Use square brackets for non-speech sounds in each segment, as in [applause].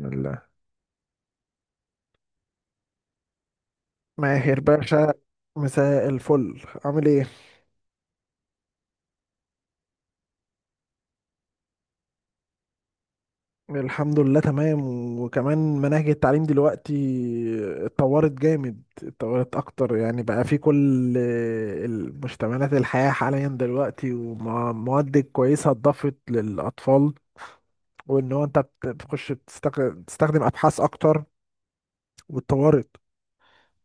الله. ماهر باشا. مساء الفل، عامل ايه؟ الحمد لله تمام. وكمان مناهج التعليم دلوقتي اتطورت جامد، اتطورت اكتر، يعني بقى في كل المشتملات الحياة حاليا دلوقتي، ومواد كويسة اتضافت للاطفال. وان هو انت بتخش بتستخدم ابحاث اكتر واتطورت.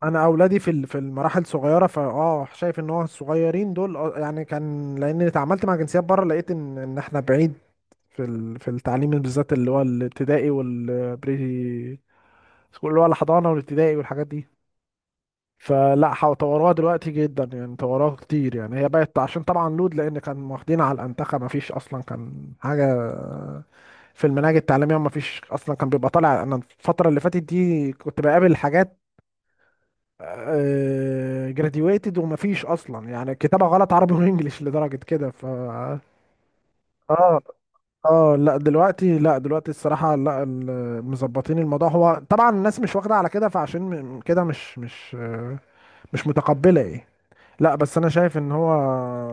انا اولادي في في المراحل صغيره، فاه شايف ان هو الصغيرين دول، يعني كان، لان اتعاملت مع جنسيات بره لقيت ان احنا بعيد في في التعليم بالذات، اللي هو الابتدائي والبري سكول، اللي هو الحضانه والابتدائي والحاجات دي. فلا طوروها دلوقتي جدا، يعني طوروها كتير، يعني هي بقت عشان طبعا لود، لان كان واخدين على الانتخه، ما فيش اصلا كان حاجه في المناهج التعليميه، ما فيش اصلا كان بيبقى طالع. انا الفتره اللي فاتت دي كنت بقابل حاجات جراديويتد، ومفيش اصلا يعني كتابة غلط عربي وانجليش لدرجة كده، ف... اه، اه، لا دلوقتي، لا دلوقتي الصراحة لا، مظبطين الموضوع. هو طبعا الناس مش واخدة على كده، فعشان كده، مش مش متقبلة ايه. لا بس انا شايف ان هو...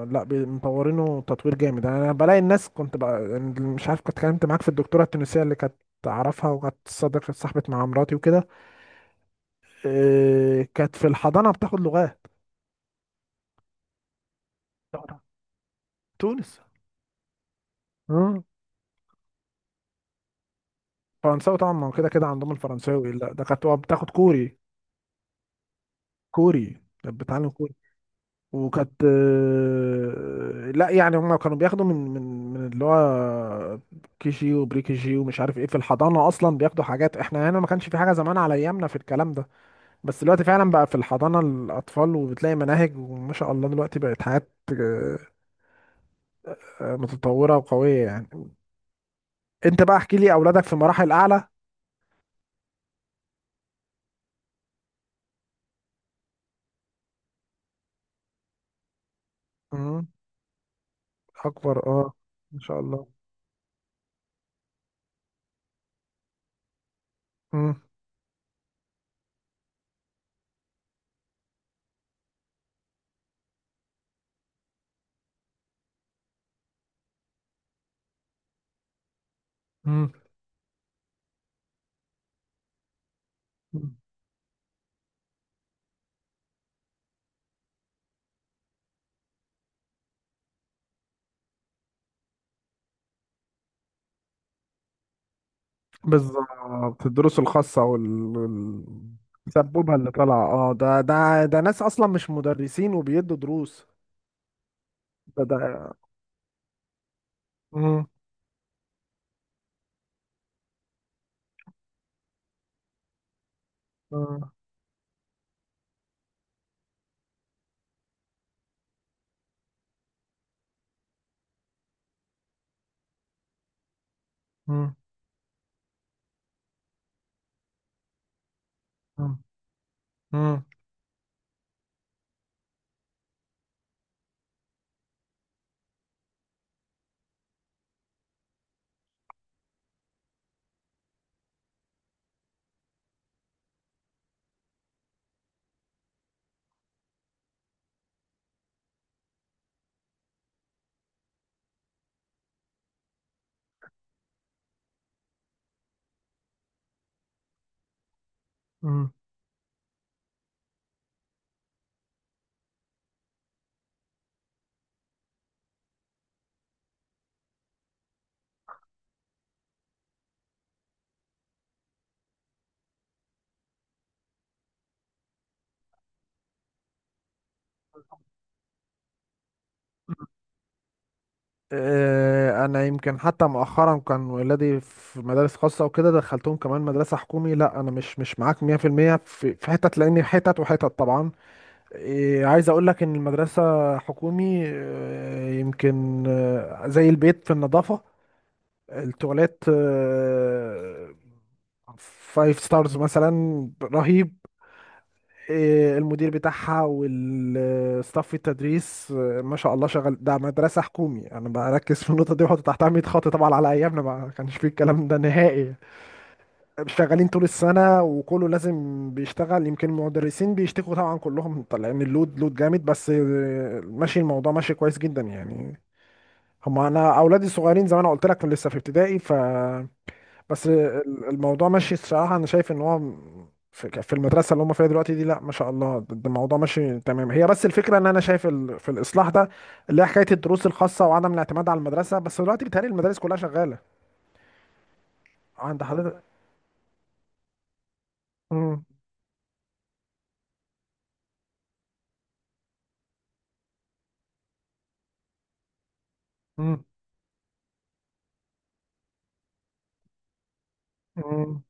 لا مطورينه تطوير جامد، يعني انا بلاقي الناس، كنت بقى يعني مش عارف، كنت اتكلمت معاك في الدكتورة التونسية اللي كانت اعرفها، وكانت صديقة صاحبة مع مراتي وكده. كانت في الحضانة بتاخد لغات. تونس. مم. فرنساوي طبعا، ما هو كده كده عندهم الفرنساوي، لا ده كانت بتاخد كوري. كوري، كانت بتعلم كوري. وكانت لا يعني هم كانوا بياخدوا من من اللي هو كي جي وبري كي جي ومش عارف ايه، في الحضانه اصلا بياخدوا حاجات، احنا هنا ما كانش في حاجه زمان على ايامنا في الكلام ده. بس دلوقتي فعلا بقى في الحضانه الاطفال، وبتلاقي مناهج، وما شاء الله دلوقتي بقت حاجات متطوره وقويه يعني. انت بقى احكي لي، اولادك في مراحل اعلى؟ مم. اكبر، اه. ما شاء الله. مم. مم. بالظبط، الدروس الخاصة، وال... وال- سبوبها اللي طالعة. اه، ده ناس أصلا مش مدرسين وبيدوا دروس. ده، ده. مم. مم. مم. مم. مم. مم. أنا يمكن حتى مؤخرا كان ولادي في مدارس خاصة وكده، دخلتهم كمان مدرسة حكومي. لا أنا مش معاك 100% في المية، في حتت لأن حتت وحتت طبعا. إيه، عايز اقول لك ان المدرسة حكومي، يمكن زي البيت في النظافة، التواليت 5 ستارز مثلا رهيب، المدير بتاعها والستاف التدريس ما شاء الله شغال. ده مدرسة حكومي، انا بركز في النقطة دي وأحط تحتها 100 خط، طبعا على ايامنا ما كانش فيه الكلام ده نهائي. شغالين طول السنة وكله لازم بيشتغل، يمكن المدرسين بيشتكوا طبعا، كلهم طالعين اللود، لود جامد، بس ماشي الموضوع، ماشي كويس جدا يعني. هما انا اولادي الصغيرين زي ما انا قلت لك لسه في ابتدائي، ف... بس الموضوع ماشي الصراحة. أنا شايف إن هو في المدرسة اللي هم فيها دلوقتي دي، لا ما شاء الله، ده الموضوع ماشي تمام. هي بس الفكرة إن أنا شايف في الإصلاح ده، اللي هي حكاية الدروس الخاصة وعدم الاعتماد على المدرسة. بس دلوقتي بيتهيألي المدارس كلها شغالة عند حضرتك. مم. مم. مم.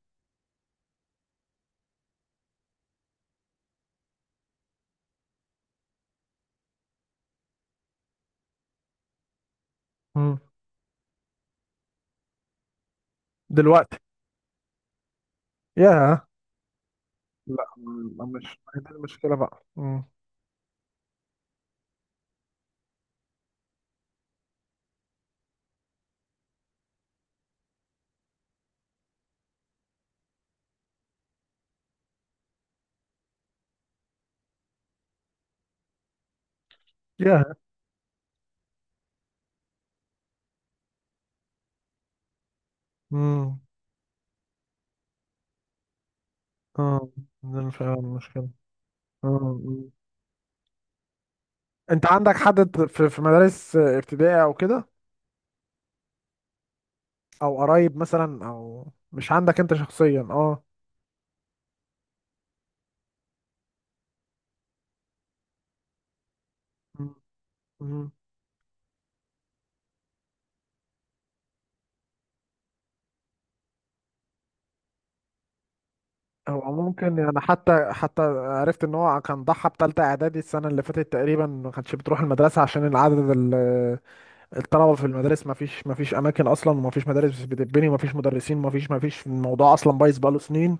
مم. دلوقتي. ياه. لا مش، ما هي دي المشكلة بقى. مم. ياه. مم. اه، ده فعلا المشكلة. مم. مم. أنت عندك حد في مدارس ابتدائي أو كده؟ او قرايب مثلا او... مش عندك انت شخصيا، اه. مم. مم. هو ممكن يعني، حتى عرفت ان هو كان ضحى بتالتة اعدادي السنة اللي فاتت تقريبا ما كانش بتروح المدرسة، عشان العدد الطلبة في المدارس، ما فيش اماكن اصلا، وما فيش مدارس بتتبني، وما فيش مدرسين، وما فيش ما فيش الموضوع اصلا بايظ بقاله سنين.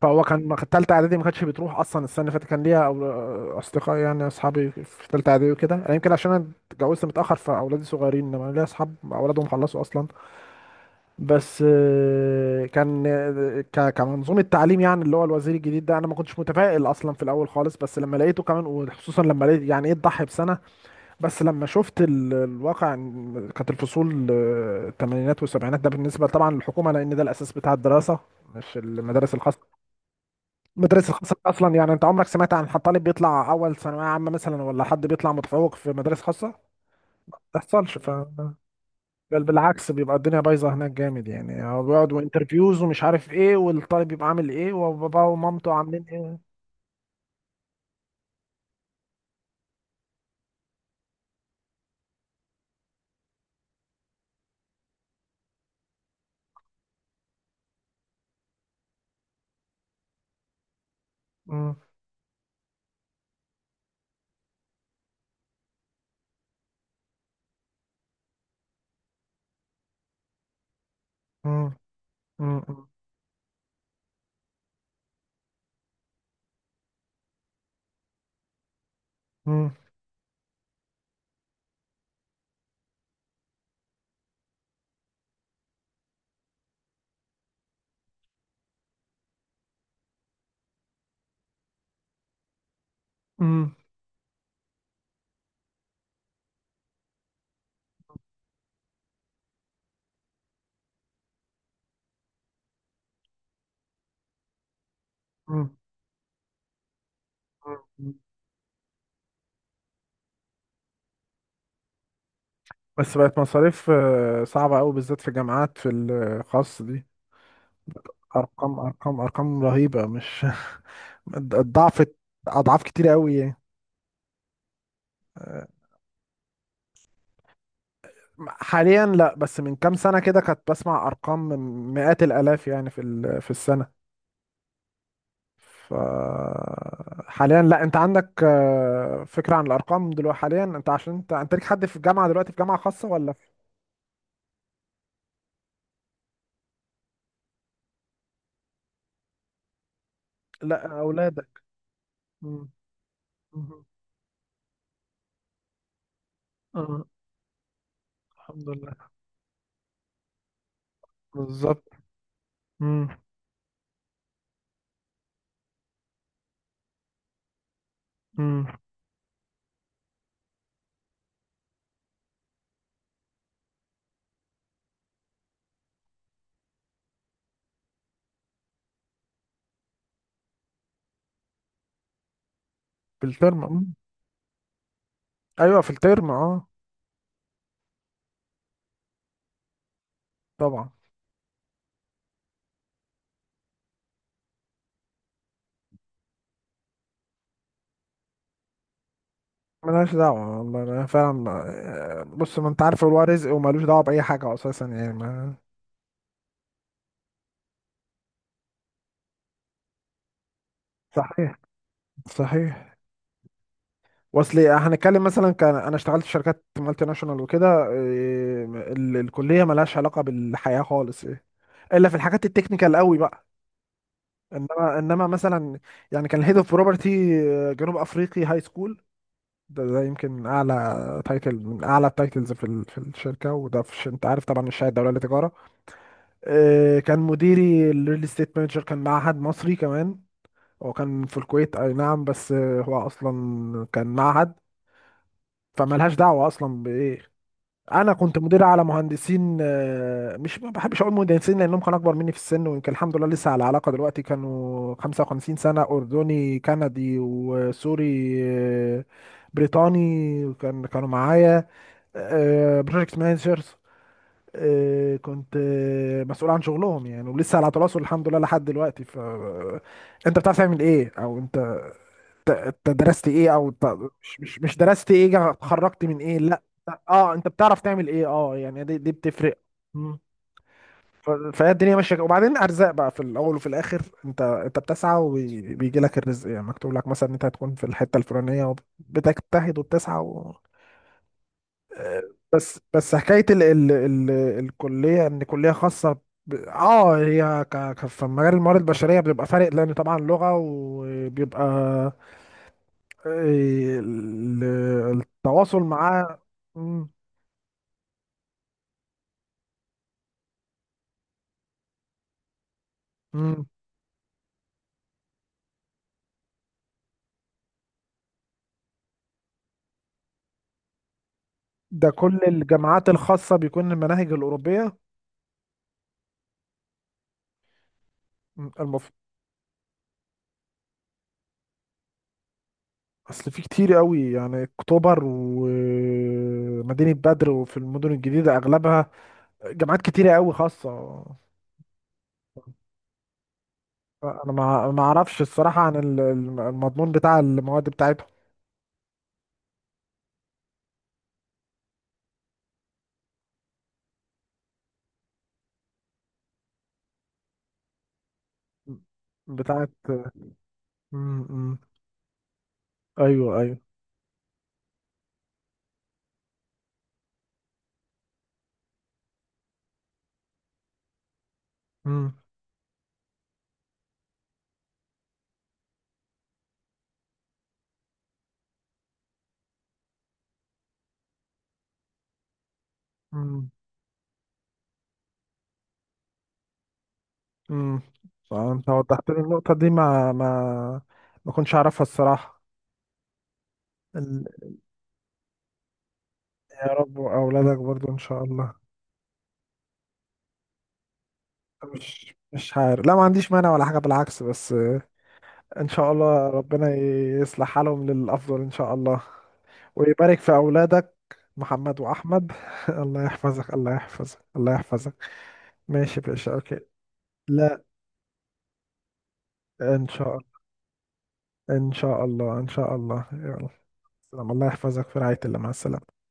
فهو ما كان تالتة اعدادي، ما كانتش بتروح اصلا السنة اللي فاتت، كان ليها اصدقاء، يعني اصحابي في تالتة اعدادي وكده. أنا يمكن عشان انا اتجوزت متأخر فاولادي صغيرين، انما ليا اصحاب اولادهم خلصوا اصلا. بس كان كمنظومة تعليم يعني، اللي هو الوزير الجديد ده، انا ما كنتش متفائل اصلا في الاول خالص، بس لما لقيته كمان، وخصوصا لما لقيت يعني ايه تضحي بسنة. بس لما شفت الواقع إن كانت الفصول الثمانينات والسبعينات، ده بالنسبة طبعا للحكومة لان ده الاساس بتاع الدراسة، مش المدارس الخاصة. المدارس الخاصة اصلا، يعني انت عمرك سمعت عن حد طالب بيطلع اول ثانوية عامة مثلا، ولا حد بيطلع متفوق في مدارس خاصة؟ ما تحصلش، ف... بل بالعكس، بيبقى الدنيا بايظه هناك جامد، يعني هو بيقعد وانترفيوز ومش عارف ايه، والطالب بيبقى عامل ايه وباباه ومامته عاملين ايه. مم، مم، مم، مم، مم، مم، مم. بس بقت مصاريف صعبه قوي بالذات في جامعات في الخاص دي، ارقام، ارقام، ارقام رهيبه، مش [laughs] الضعف، اضعاف كتير قوي يعني. آه، حاليا لا، بس من كام سنه كده كنت بسمع ارقام مئات الالاف يعني في في السنه. ف... حاليا لا، انت عندك فكرة عن الارقام دلوقتي حاليا؟ انت عشان انت ليك حد في الجامعة دلوقتي في جامعة خاصة ولا في... لا، اولادك. مم. مم. اه. الحمد لله. بالظبط. مم. مم. في الترم، مم. ايوه، في الترم، اه. طبعا. ملهاش دعوة والله، أنا فعلا بص، ما انت عارف هو رزق وملوش دعوة بأي حاجة اساسا يعني، ما... صحيح، صحيح. واصل إيه، هنتكلم مثلا كان انا اشتغلت في شركات مالتي ناشونال وكده. إيه، الكليه ملهاش علاقه بالحياه خالص، إيه. الا في الحاجات التكنيكال قوي بقى. انما مثلا، يعني كان الهيد اوف بروبرتي جنوب افريقي هاي سكول، ده يمكن اعلى تايتل من اعلى التايتلز في في الشركه، وده في انت عارف طبعا الشهاده الدوليه للتجاره. إيه، كان مديري الريل استيت مانجر كان معهد مصري كمان، هو كان في الكويت، اي نعم، بس هو اصلا كان معهد. فملهاش دعوه اصلا بايه. انا كنت مدير على مهندسين مش، ما بحبش اقول مهندسين لانهم كانوا اكبر مني في السن، ويمكن الحمد لله لسه على علاقه دلوقتي، كانوا 55 سنه، اردني، كندي، وسوري آه، بريطاني، كانوا معايا بروجكت مانجرز. كنت مسؤول عن شغلهم يعني، ولسه على تواصل الحمد لله لحد دلوقتي. ف انت بتعرف تعمل ايه، او انت انت درست ايه، او مش درست ايه، اتخرجت من ايه، لا. اه، انت بتعرف تعمل ايه، اه، يعني دي بتفرق. مم. فهي الدنيا ماشيه كده. وبعدين ارزاق بقى، في الاول وفي الاخر انت بتسعى وبيجي لك الرزق، يعني مكتوب لك مثلا انت هتكون في الحته الفلانيه، وبتجتهد وبتسعى. بس حكايه ال ال ال الكليه، ان كليه خاصه، اه هي في مجال الموارد البشريه بتبقى فارق، لان طبعا لغه وبيبقى آه، ال- التواصل معاه. مم. مم. ده كل الجامعات الخاصه بيكون المناهج الاوروبيه. مم. المف... اصل في كتير قوي يعني اكتوبر ومدينه بدر وفي المدن الجديده اغلبها، جامعات كتيره قوي خاصه. انا ما اعرفش الصراحه عن المضمون بتاع المواد بتاعتهم. بتاعت. مم، مم. ايوه، ايوه. مم، مم، مم. انت وضحت لي النقطه دي، ما كنتش اعرفها الصراحه. ال- يا رب، واولادك برضو ان شاء الله. مش عارف، لا ما عنديش مانع ولا حاجه بالعكس، بس ان شاء الله ربنا يصلح حالهم للافضل ان شاء الله، ويبارك في اولادك محمد واحمد. [laughs] الله يحفظك، الله يحفظك، الله يحفظك. ماشي يا باشا، اوكي. لا، ان شاء الله، ان شاء الله، ان شاء الله، يلا. سلام، الله يحفظك، في رعاية الله، مع السلامة.